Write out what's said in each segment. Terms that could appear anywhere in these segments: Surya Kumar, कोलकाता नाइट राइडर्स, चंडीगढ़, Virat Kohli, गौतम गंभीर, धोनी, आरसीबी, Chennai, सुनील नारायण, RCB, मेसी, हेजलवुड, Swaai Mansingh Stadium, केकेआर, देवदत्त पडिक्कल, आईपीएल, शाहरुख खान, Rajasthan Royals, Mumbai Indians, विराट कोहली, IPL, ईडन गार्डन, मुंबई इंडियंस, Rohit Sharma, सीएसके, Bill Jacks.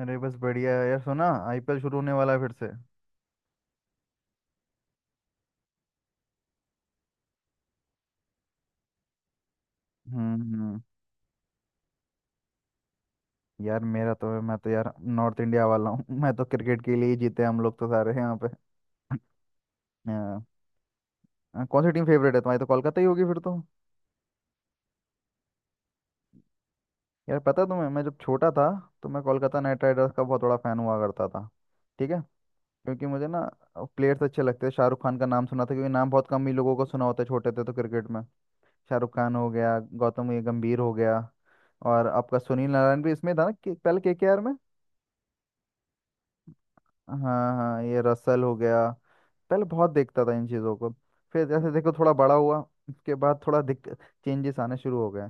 अरे, बस बढ़िया है यार। सुना आईपीएल शुरू होने वाला है फिर से। हम्म। यार मेरा तो, मैं तो यार नॉर्थ इंडिया वाला हूँ मैं तो क्रिकेट के लिए ही जीते, हम लोग तो सारे यहाँ पे। हाँ, हाँ, कौन सी टीम फेवरेट है तुम्हारी? तो कोलकाता ही होगी फिर तो। यार पता है तुम्हें, मैं जब छोटा था तो मैं कोलकाता नाइट राइडर्स का बहुत बड़ा फैन हुआ करता था। ठीक है। क्योंकि मुझे ना प्लेयर्स अच्छे लगते थे, शाहरुख खान का नाम सुना था, क्योंकि नाम बहुत कम ही लोगों को सुना होता है छोटे थे तो क्रिकेट में। शाहरुख खान हो गया, गौतम गंभीर हो गया, और आपका सुनील नारायण भी इसमें था ना पहले केकेआर में। हाँ, हाँ ये रसल हो गया। पहले बहुत देखता था इन चीज़ों को। फिर जैसे देखो थोड़ा बड़ा हुआ, उसके बाद थोड़ा दिक चेंजेस आने शुरू हो गए।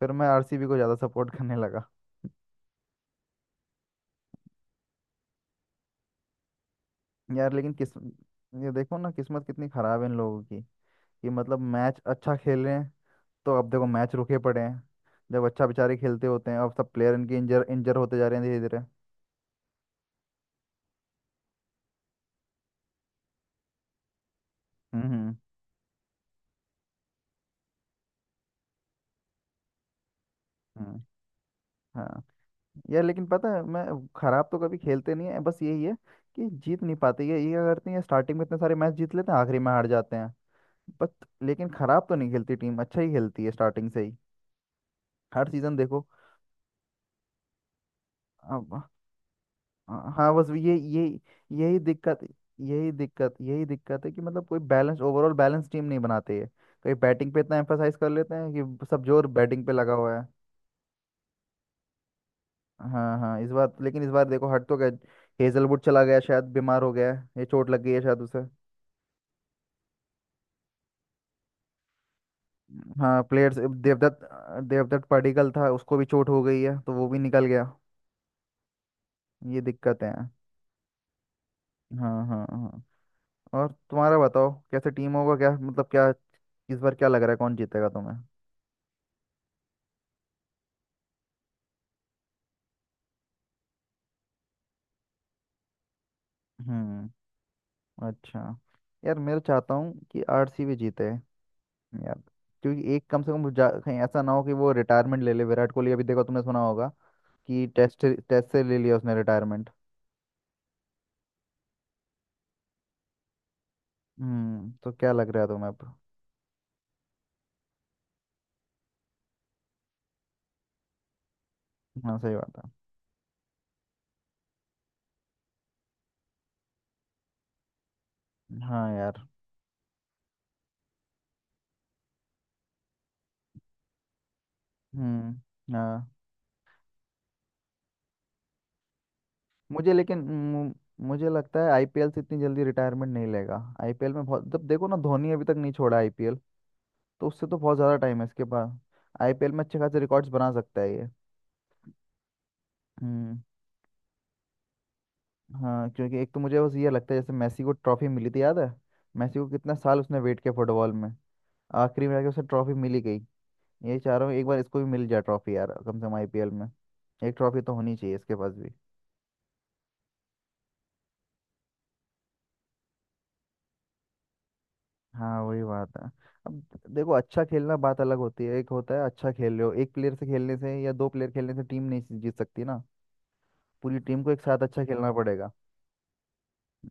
फिर मैं आरसीबी को ज़्यादा सपोर्ट करने लगा। यार लेकिन किस ये देखो ना, किस्मत कितनी ख़राब है इन लोगों की, कि मतलब मैच अच्छा खेल रहे हैं तो अब देखो मैच रुके पड़े हैं। जब अच्छा बेचारे खेलते होते हैं, अब सब प्लेयर इनके इंजर इंजर होते जा रहे हैं धीरे धीरे। हम्म हम्म हम्म। हाँ यार, लेकिन पता है मैं, खराब तो कभी खेलते नहीं है। बस यही है कि जीत नहीं पाते। ये क्या करती है, स्टार्टिंग में इतने सारे मैच जीत लेते हैं, आखिरी में हार जाते हैं। बट लेकिन खराब तो नहीं खेलती टीम, अच्छा ही खेलती है स्टार्टिंग से ही, हर सीजन देखो। अब हाँ हाँ, बस ये यही दिक्कत यही दिक्कत है कि मतलब कोई बैलेंस, ओवरऑल बैलेंस टीम नहीं बनाते है। कहीं बैटिंग पे इतना एम्फेसाइज कर लेते हैं, कि सब जोर बैटिंग पे लगा हुआ है। हाँ हाँ इस बार, लेकिन इस बार देखो हट तो गया, हेजलवुड चला गया, शायद बीमार हो गया है, ये चोट लग गई है शायद उसे। हाँ प्लेयर्स, देवदत्त देवदत्त पडिक्कल था, उसको भी चोट हो गई है, तो वो भी निकल गया। ये दिक्कतें हैं। हाँ हाँ हाँ। और तुम्हारा बताओ, कैसे टीम होगा, क्या मतलब क्या, इस बार क्या लग रहा है, कौन जीतेगा तुम्हें? हम्म। अच्छा। यार मैं तो चाहता हूँ कि आरसीबी जीते यार, क्योंकि एक कम से कम कहीं ऐसा ना हो कि वो रिटायरमेंट ले ले विराट कोहली। अभी देखो तुमने सुना होगा कि टेस्ट टेस्ट से ले लिया उसने रिटायरमेंट। हम्म, तो क्या लग रहा है तुम्हें अब? हाँ सही बात है। हाँ यार। हम्म। हाँ। मुझे लेकिन मु- मुझे लगता है आईपीएल से इतनी जल्दी रिटायरमेंट नहीं लेगा। आईपीएल में बहुत, जब देखो ना धोनी अभी तक नहीं छोड़ा आईपीएल, तो उससे तो बहुत ज़्यादा टाइम है इसके पास। आईपीएल में अच्छे खासे रिकॉर्ड्स बना सकता है ये। हम्म। हाँ, क्योंकि एक तो मुझे बस ये लगता है, जैसे मेसी को ट्रॉफी मिली थी, याद है? मेसी को कितना साल उसने वेट किया फुटबॉल में, आखिरी में जाके उसे ट्रॉफी मिली गई। यही चाह रहा हूँ, एक बार इसको भी मिल जाए ट्रॉफी यार, कम से कम आईपीएल में। एक ट्रॉफी तो होनी चाहिए इसके पास भी। हाँ वही बात है। अब देखो अच्छा खेलना बात अलग होती है। एक होता है अच्छा खेल रहे हो, एक प्लेयर से खेलने से या दो प्लेयर खेलने से टीम नहीं जीत सकती ना। पूरी टीम को एक साथ अच्छा खेलना पड़ेगा।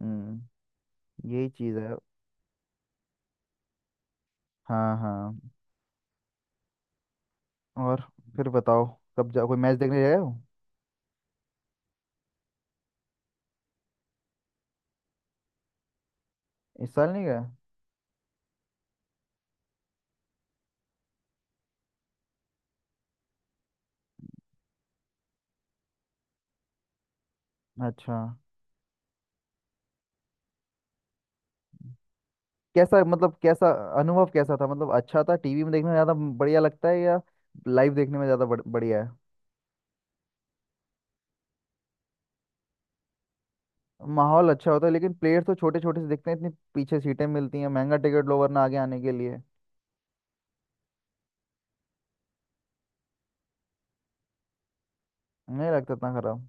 हम्म। यही चीज़ है। हाँ हाँ। और फिर बताओ, कब जाओ, कोई मैच देखने गए हो? इस साल नहीं गए? अच्छा। कैसा, मतलब कैसा अनुभव कैसा था, मतलब अच्छा था? टीवी में देखने में ज़्यादा बढ़िया लगता है, या लाइव देखने में ज़्यादा बढ़िया है? माहौल अच्छा होता है, लेकिन प्लेयर तो छोटे छोटे से दिखते हैं, इतनी पीछे सीटें मिलती हैं, महंगा टिकट लो वरना आगे आने के लिए। नहीं लगता इतना खराब।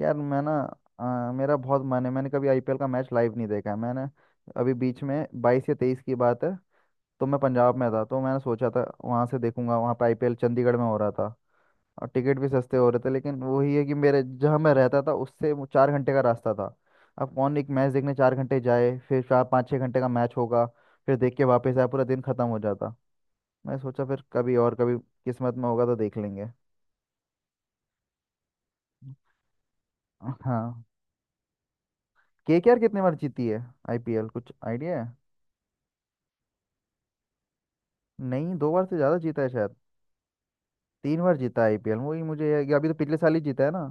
यार मैं ना, मेरा बहुत मन है, मैंने कभी आईपीएल का मैच लाइव नहीं देखा है मैंने। अभी बीच में 22 या 23 की बात है, तो मैं पंजाब में था, तो मैंने सोचा था वहां से देखूंगा, वहां पे आईपीएल चंडीगढ़ में हो रहा था। और टिकट भी सस्ते हो रहे थे, लेकिन वही है कि मेरे, जहाँ मैं रहता था उससे वो 4 घंटे का रास्ता था। अब कौन एक मैच देखने 4 घंटे जाए? फिर 4 5 6 घंटे का मैच होगा, फिर देख के वापस आए, पूरा दिन खत्म हो जाता। मैं सोचा फिर कभी, और कभी किस्मत में होगा तो देख लेंगे। हाँ। केकेआर कितनी बार जीती है आईपीएल, कुछ आइडिया है? नहीं, दो बार से ज़्यादा जीता है शायद। तीन बार जीता है आईपीएल, वही मुझे अभी तो पिछले साल ही जीता है ना।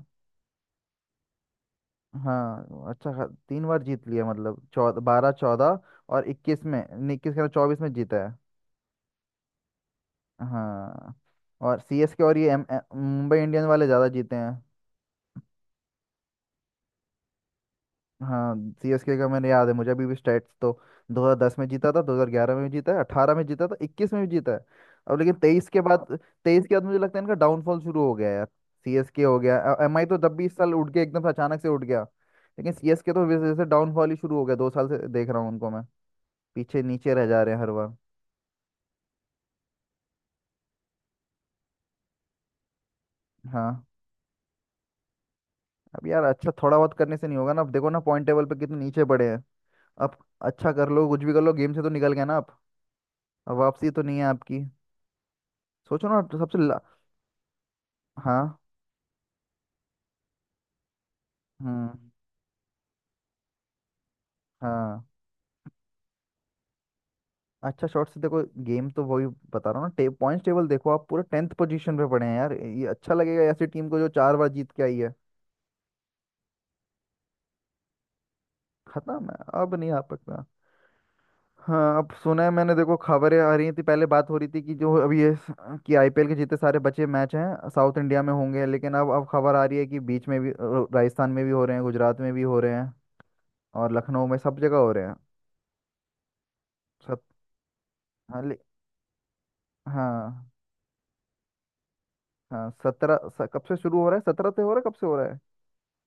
हाँ अच्छा तीन बार जीत लिया मतलब, चौदह, बारह चौदह और 21 में, नहीं 21 के 24 में जीता है। हाँ। और सीएसके और ये मुंबई इंडियंस वाले ज़्यादा जीते हैं। हाँ, सीएसके का मैंने याद है, मुझे अभी भी स्टेट्स, तो 2010 में जीता था, 2011 में भी जीता है, 18 में जीता था, 21 में भी जीता है। अब लेकिन 23 के बाद, मुझे लगता है इनका डाउनफॉल शुरू हो गया यार। सीएसके हो गया। एमआई तो तब भी, इस साल उठ गया एकदम से, अचानक से उठ गया। लेकिन सीएसके तो वैसे जैसे डाउनफॉल ही शुरू हो गया, 2 साल से देख रहा हूँ उनको मैं, पीछे नीचे रह जा रहे हैं हर बार। हाँ। अब यार अच्छा थोड़ा बहुत करने से नहीं होगा ना, अब देखो ना पॉइंट टेबल पे कितने नीचे पड़े हैं। अब अच्छा कर लो, कुछ भी कर लो, गेम से तो निकल गए ना आप, अब वापसी तो नहीं है आपकी। सोचो ना तो सबसे। हाँ। हम्म। हाँ, अच्छा शॉर्ट से देखो गेम तो वही, बता रहा हूँ ना पॉइंट्स टेबल देखो, आप पूरे टेंथ पोजीशन पे पड़े हैं यार। ये अच्छा लगेगा ऐसी टीम को जो चार बार जीत के आई है? खत्म है, अब नहीं आ सकता। हाँ, अब सुना है मैंने, देखो खबरें आ रही थी पहले, बात हो रही थी कि जो अभी कि आईपीएल के जितने सारे बचे मैच हैं साउथ इंडिया में होंगे, लेकिन अब खबर आ रही है कि बीच में भी, राजस्थान में भी हो रहे हैं, गुजरात में भी हो रहे हैं, और लखनऊ में सब जगह हो रहे हैं। सब। हाँ हाँ हाँ सत्रह कब से शुरू हो रहा है? सत्रह से हो रहा है, कब से हो रहा है,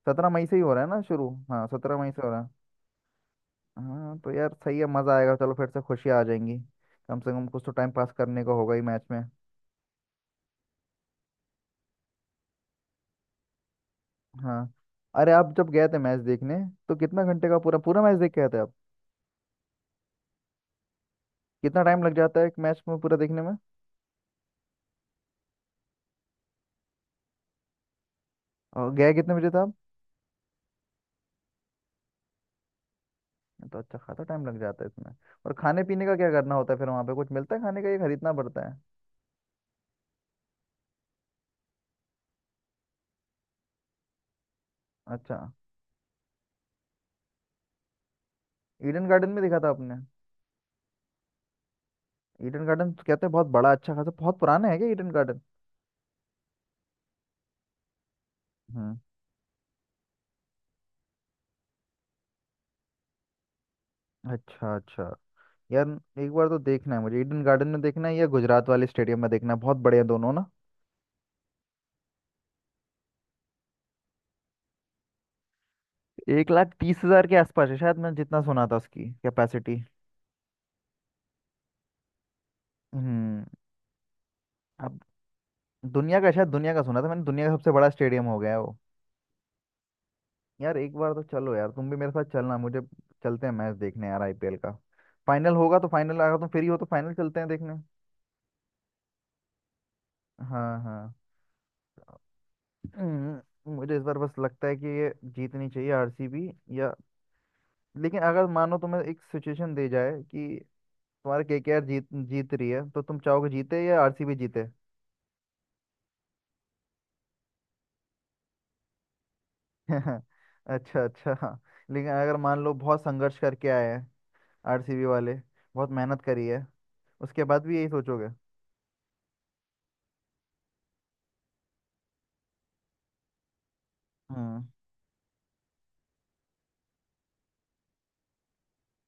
17 मई से ही हो रहा है ना शुरू, हाँ 17 मई से हो रहा है। हाँ तो यार सही है, मज़ा आएगा, चलो फिर से खुशियाँ आ जाएंगी। कम से कम कुछ तो टाइम पास करने को होगा ही मैच में। हाँ। अरे आप जब गए थे मैच देखने, तो कितना घंटे का पूरा पूरा मैच देख के आए थे आप? कितना टाइम लग जाता है एक मैच में पूरा देखने में? और गए कितने बजे था आप? ये तो अच्छा खासा टाइम लग जाता है इसमें। और खाने पीने का क्या करना होता है, फिर वहाँ पे कुछ मिलता है खाने का, ये खरीदना पड़ता है? अच्छा। ईडन गार्डन में देखा था आपने? ईडन गार्डन तो कहते हैं बहुत बड़ा, अच्छा खासा, बहुत पुराना है क्या ईडन गार्डन? हम्म। अच्छा अच्छा। यार एक बार तो देखना है मुझे, ईडन गार्डन में देखना है या गुजरात वाले स्टेडियम में देखना है, बहुत बढ़िया दोनों ना। 1,30,000 के आसपास है शायद, मैंने जितना सुना था उसकी कैपेसिटी। हम्म। अब दुनिया का, शायद दुनिया का सुना था मैंने, दुनिया का सबसे बड़ा स्टेडियम हो गया है वो। यार एक बार तो चलो यार, तुम भी मेरे साथ चलना, मुझे चलते हैं मैच देखने यार, आईपीएल का फाइनल होगा तो फाइनल, अगर तुम फ्री हो तो फाइनल चलते हैं देखने। हाँ हाँ। मुझे इस बार बस लगता है कि ये जीतनी चाहिए आरसीबी, या। लेकिन अगर मानो तुम्हें एक सिचुएशन दी जाए, कि तुम्हारे केकेआर जीत जीत रही है, तो तुम चाहोगे जीते या आरसीबी जीते? अच्छा अच्छा हाँ। लेकिन अगर मान लो बहुत संघर्ष करके आए हैं आरसीबी वाले, बहुत मेहनत करी है, उसके बाद भी यही सोचोगे? हम्म।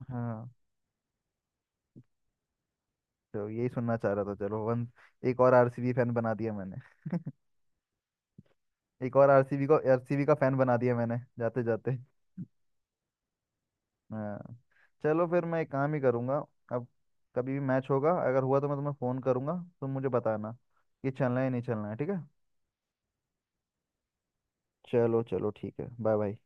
हाँ, तो यही सुनना चाह रहा था। चलो वन एक और आरसीबी फैन बना दिया मैंने। एक और आरसीबी को, आरसीबी का फैन बना दिया मैंने जाते जाते। हाँ। चलो फिर मैं एक काम ही करूँगा। अब कभी भी मैच होगा, अगर हुआ तो मैं तुम्हें फ़ोन करूँगा, तुम मुझे बताना कि चलना है नहीं चलना है, ठीक है? चलो चलो ठीक है, बाय बाय।